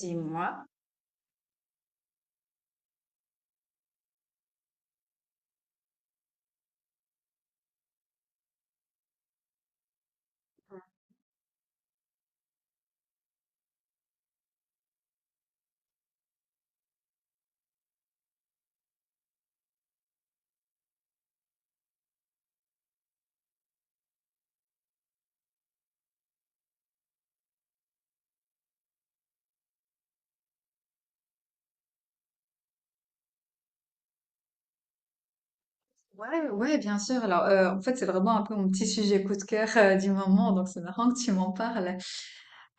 Dis-moi. Ouais, ouais, bien sûr. Alors, en fait, c'est vraiment un peu mon petit sujet coup de cœur du moment, donc c'est marrant que tu m'en parles.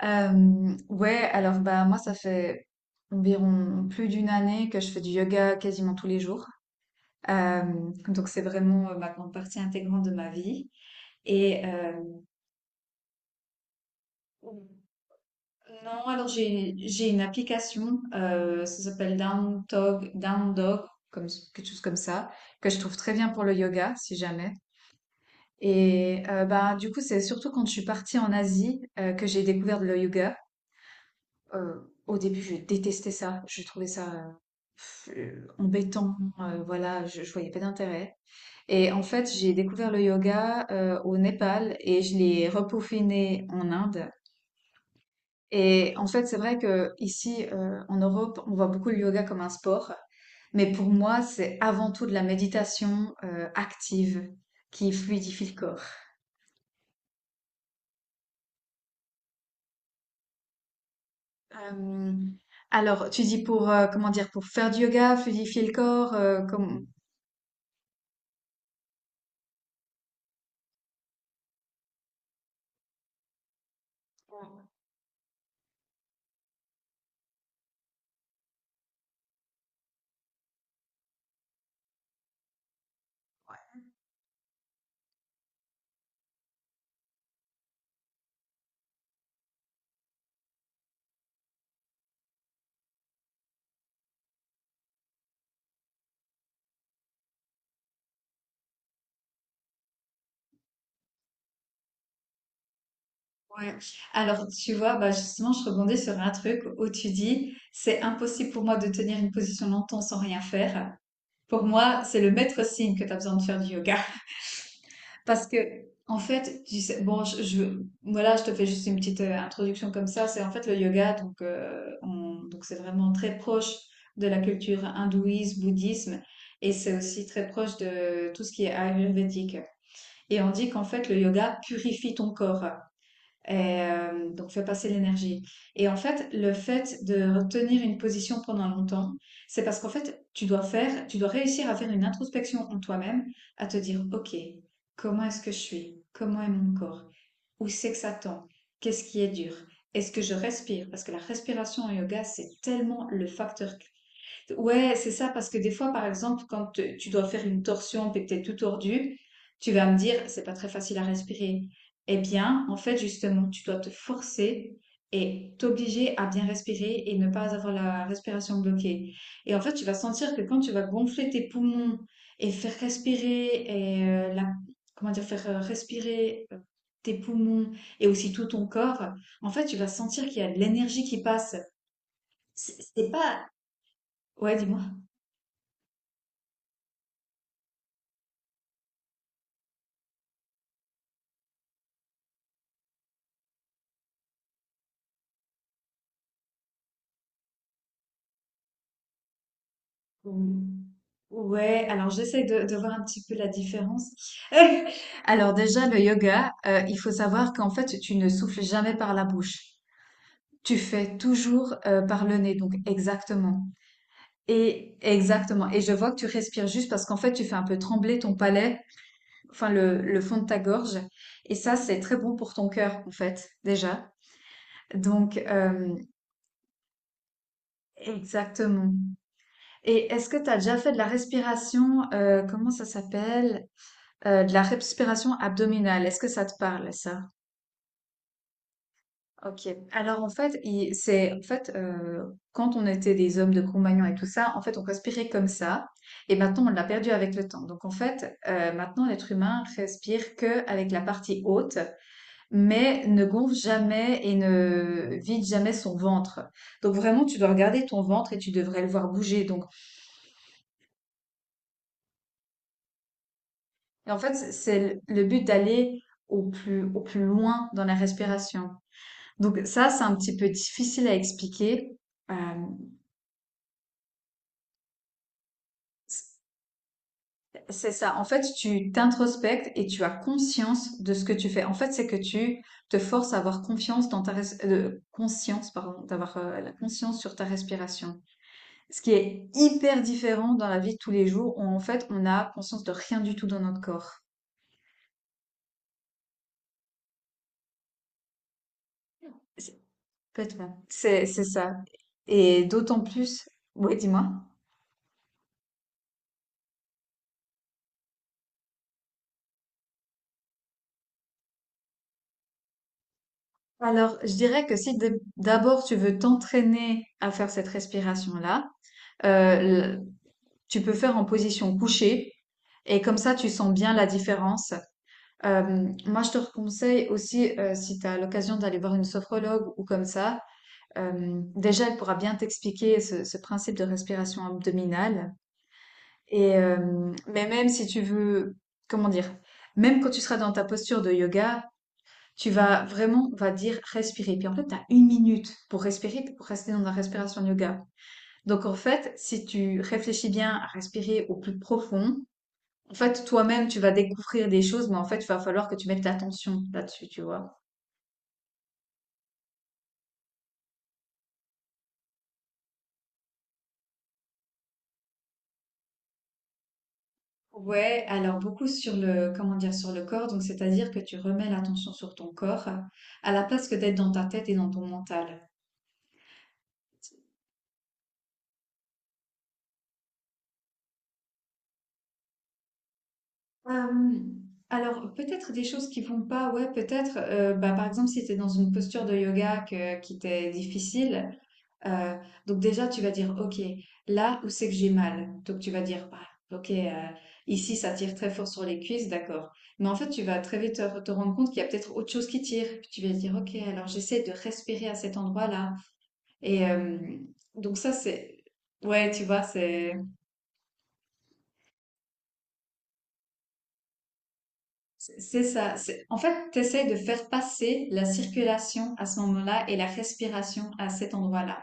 Ouais, alors bah moi, ça fait environ plus d'une année que je fais du yoga quasiment tous les jours. Euh, donc c'est vraiment maintenant partie intégrante de ma vie. Et non, alors j'ai une application, ça s'appelle Down Dog, Down Dog, comme quelque chose comme ça, que je trouve très bien pour le yoga, si jamais. Et bah, du coup, c'est surtout quand je suis partie en Asie que j'ai découvert le yoga. Euh, Au début, je détestais ça. Je trouvais ça embêtant. Voilà, je voyais pas d'intérêt. Et en fait, j'ai découvert le yoga au Népal et je l'ai repaufiné en Inde. Et en fait, c'est vrai que ici, en Europe, on voit beaucoup le yoga comme un sport. Mais pour moi, c'est avant tout de la méditation active qui fluidifie le corps. Euh, alors, tu dis pour, comment dire, pour faire du yoga, fluidifier le corps, comme... Ouais. Alors, tu vois, bah justement, je rebondis sur un truc où tu dis, c'est impossible pour moi de tenir une position longtemps sans rien faire. Pour moi, c'est le maître signe que tu as besoin de faire du yoga. Parce que, en fait, bon, voilà, je te fais juste une petite introduction comme ça. C'est en fait le yoga, donc, donc c'est vraiment très proche de la culture hindouiste, bouddhisme, et c'est aussi très proche de tout ce qui est ayurvédique. Et on dit qu'en fait, le yoga purifie ton corps. Et, donc, fait passer l'énergie. Et en fait, le fait de retenir une position pendant longtemps, c'est parce qu'en fait, tu dois réussir à faire une introspection en toi-même, à te dire, OK, comment est-ce que je suis? Comment est mon corps? Où c'est que ça tend? Qu'est-ce qui est dur? Est-ce que je respire? Parce que la respiration en yoga, c'est tellement le facteur. Ouais, c'est ça, parce que des fois, par exemple, quand tu dois faire une torsion, puis que t'es tout tordu, tu vas me dire, c'est pas très facile à respirer. Eh bien, en fait, justement, tu dois te forcer et t'obliger à bien respirer et ne pas avoir la respiration bloquée. Et en fait, tu vas sentir que quand tu vas gonfler tes poumons et faire respirer et comment dire, faire respirer tes poumons et aussi tout ton corps, en fait, tu vas sentir qu'il y a de l'énergie qui passe. C'est pas. Ouais, dis-moi. Ou- Ouais, alors j'essaie de voir un petit peu la différence. Alors déjà, le yoga, il faut savoir qu'en fait, tu ne souffles jamais par la bouche. Tu fais toujours par le nez, donc exactement. Et exactement. Et je vois que tu respires juste parce qu'en fait, tu fais un peu trembler ton palais, enfin le fond de ta gorge. Et ça, c'est très bon pour ton cœur, en fait, déjà. Donc, exactement. Et est-ce que tu as déjà fait de la respiration, comment ça s'appelle? De la respiration abdominale, est-ce que ça te parle, ça? Ok. Alors en fait, c'est en fait quand on était des hommes de Cro-Magnon et tout ça, en fait, on respirait comme ça. Et maintenant, on l'a perdu avec le temps. Donc en fait, maintenant, l'être humain respire que avec la partie haute, mais ne gonfle jamais et ne vide jamais son ventre. Donc vraiment, tu dois regarder ton ventre et tu devrais le voir bouger. Donc et en fait, c'est le but d'aller au plus loin dans la respiration. Donc ça, c'est un petit peu difficile à expliquer. Euh, c'est ça. En fait, tu t'introspectes et tu as conscience de ce que tu fais. En fait, c'est que tu te forces à avoir confiance dans conscience, pardon, d'avoir la conscience sur ta respiration. Ce qui est hyper différent dans la vie de tous les jours où en fait, on a conscience de rien du tout dans notre corps. C'est- Complètement. C'est ça. Et d'autant plus. Oui, dis-moi. Alors, je dirais que si d'abord tu veux t'entraîner à faire cette respiration-là, Heu, tu peux faire en position couchée et comme ça, tu sens bien la différence. Moi, je te conseille aussi, si tu as l'occasion d'aller voir une sophrologue ou comme ça, déjà, elle pourra bien t'expliquer ce principe de respiration abdominale et mais même si tu veux, comment dire? Même quand tu seras dans ta posture de yoga, tu vas vraiment, on va dire, respirer. Puis en fait, tu as 1 minute pour respirer, puis pour rester dans la respiration de yoga. Donc en fait, si tu réfléchis bien à respirer au plus profond, en fait, toi-même, tu vas découvrir des choses, mais en fait, il va falloir que tu mettes l'attention là-dessus, tu vois. Ouais, alors beaucoup comment dire, sur le corps, donc c'est-à-dire que tu remets l'attention sur ton corps à la place que d'être dans ta tête et dans ton mental. Euh, alors peut-être des choses qui vont pas, ouais, peut-être, bah, par exemple si tu es dans une posture de yoga qui t'est difficile, Euh, donc déjà, tu vas dire, OK, là où c'est que j'ai mal. Donc tu vas dire, Ah, OK, ici, ça tire très fort sur les cuisses, d'accord. Mais en fait, tu vas très vite te rendre compte qu'il y a peut-être autre chose qui tire. Puis tu vas dire, OK, alors j'essaie de respirer à cet endroit-là. Et donc ça, c'est... Ouais, tu vois, c'est ça. En fait, tu essaies de faire passer la circulation à ce moment-là et la respiration à cet endroit-là.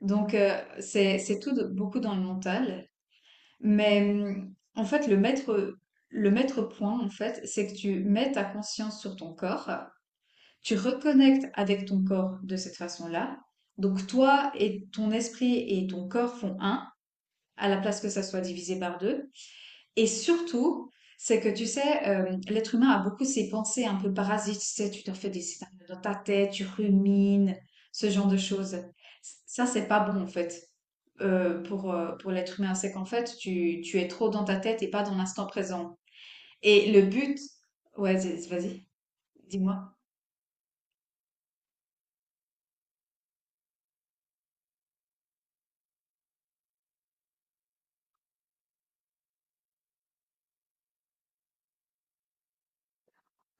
Donc, c'est beaucoup dans le mental. Mais en fait, le maître point, en fait, c'est que tu mets ta conscience sur ton corps, tu reconnectes avec ton corps de cette façon-là. Donc toi et ton esprit et ton corps font un, à la place que ça soit divisé par deux. Et surtout, c'est que tu sais, l'être humain a beaucoup ces pensées un peu parasites. Tu sais, tu te fais des scénarios dans ta tête, tu rumines, ce genre de choses. Ça, c'est pas bon en fait pour l'être humain. C'est qu'en fait, tu es trop dans ta tête et pas dans l'instant présent. Et le but, ouais, vas-y, dis-moi.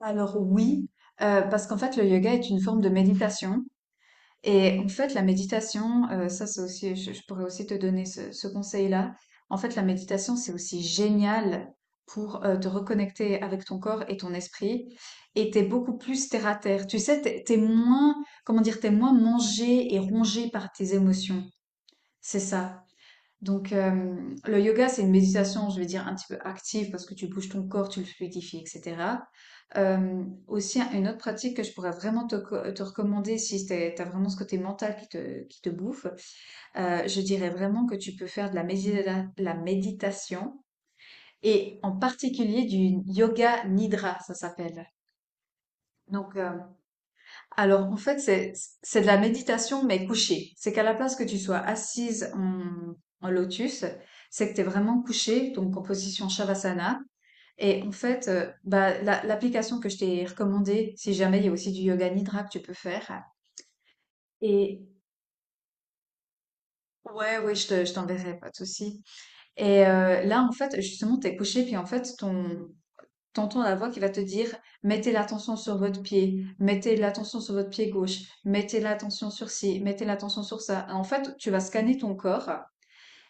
Alors oui, parce qu'en fait le yoga est une forme de méditation. Et en fait, la méditation, ça c'est aussi, je pourrais aussi te donner ce conseil-là. En fait, la méditation, c'est aussi génial pour te reconnecter avec ton corps et ton esprit. Et t'es beaucoup plus terre à terre. Tu sais, comment dire, t'es moins mangé et rongé par tes émotions. C'est ça. Donc, le yoga, c'est une méditation, je vais dire, un petit peu active parce que tu bouges ton corps, tu le fluidifies, etc. Aussi, une autre pratique que je pourrais vraiment te recommander si t'as vraiment ce côté mental qui te bouffe, je dirais vraiment que tu peux faire la méditation et en particulier du yoga nidra, ça s'appelle. Donc, alors, en fait, c'est de la méditation, mais couchée. C'est qu'à la place que tu sois assise en lotus, c'est que tu es vraiment couché, donc en position Shavasana. Et en fait, bah, l'application que je t'ai recommandée, si jamais il y a aussi du yoga nidra que tu peux faire. Et ouais, oui, je t'enverrai, pas de souci. Et là, en fait, justement, tu es couché, puis en fait, t'entends la voix qui va te dire mettez l'attention sur votre pied, mettez l'attention sur votre pied gauche, mettez l'attention sur ci, mettez l'attention sur ça. En fait, tu vas scanner ton corps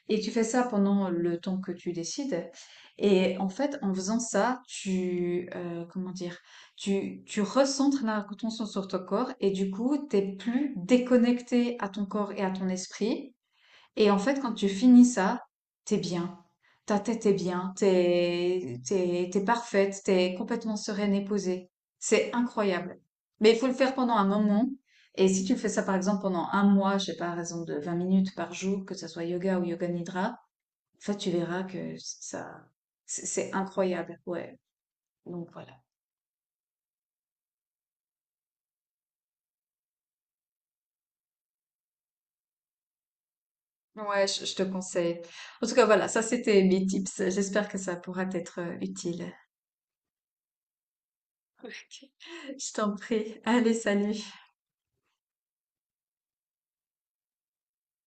et tu fais ça pendant le temps que tu décides. Et en fait, en faisant ça, comment dire, tu recentres l'attention sur ton corps et du coup, t'es plus déconnecté à ton corps et à ton esprit. Et en fait, quand tu finis ça, t'es bien. Ta tête est bien, t'es parfaite, t'es complètement sereine et posée. C'est incroyable. Mais il faut le faire pendant un moment. Et si tu fais ça, par exemple, pendant un mois, je sais pas, à raison de 20 minutes par jour, que ce soit yoga ou yoga nidra, en fait, tu verras que ça, c'est incroyable. Ouais. Donc voilà. Ouais, je te conseille. En tout cas, voilà, ça c'était mes tips. J'espère que ça pourra t'être utile. Ok. Je t'en prie. Allez, salut.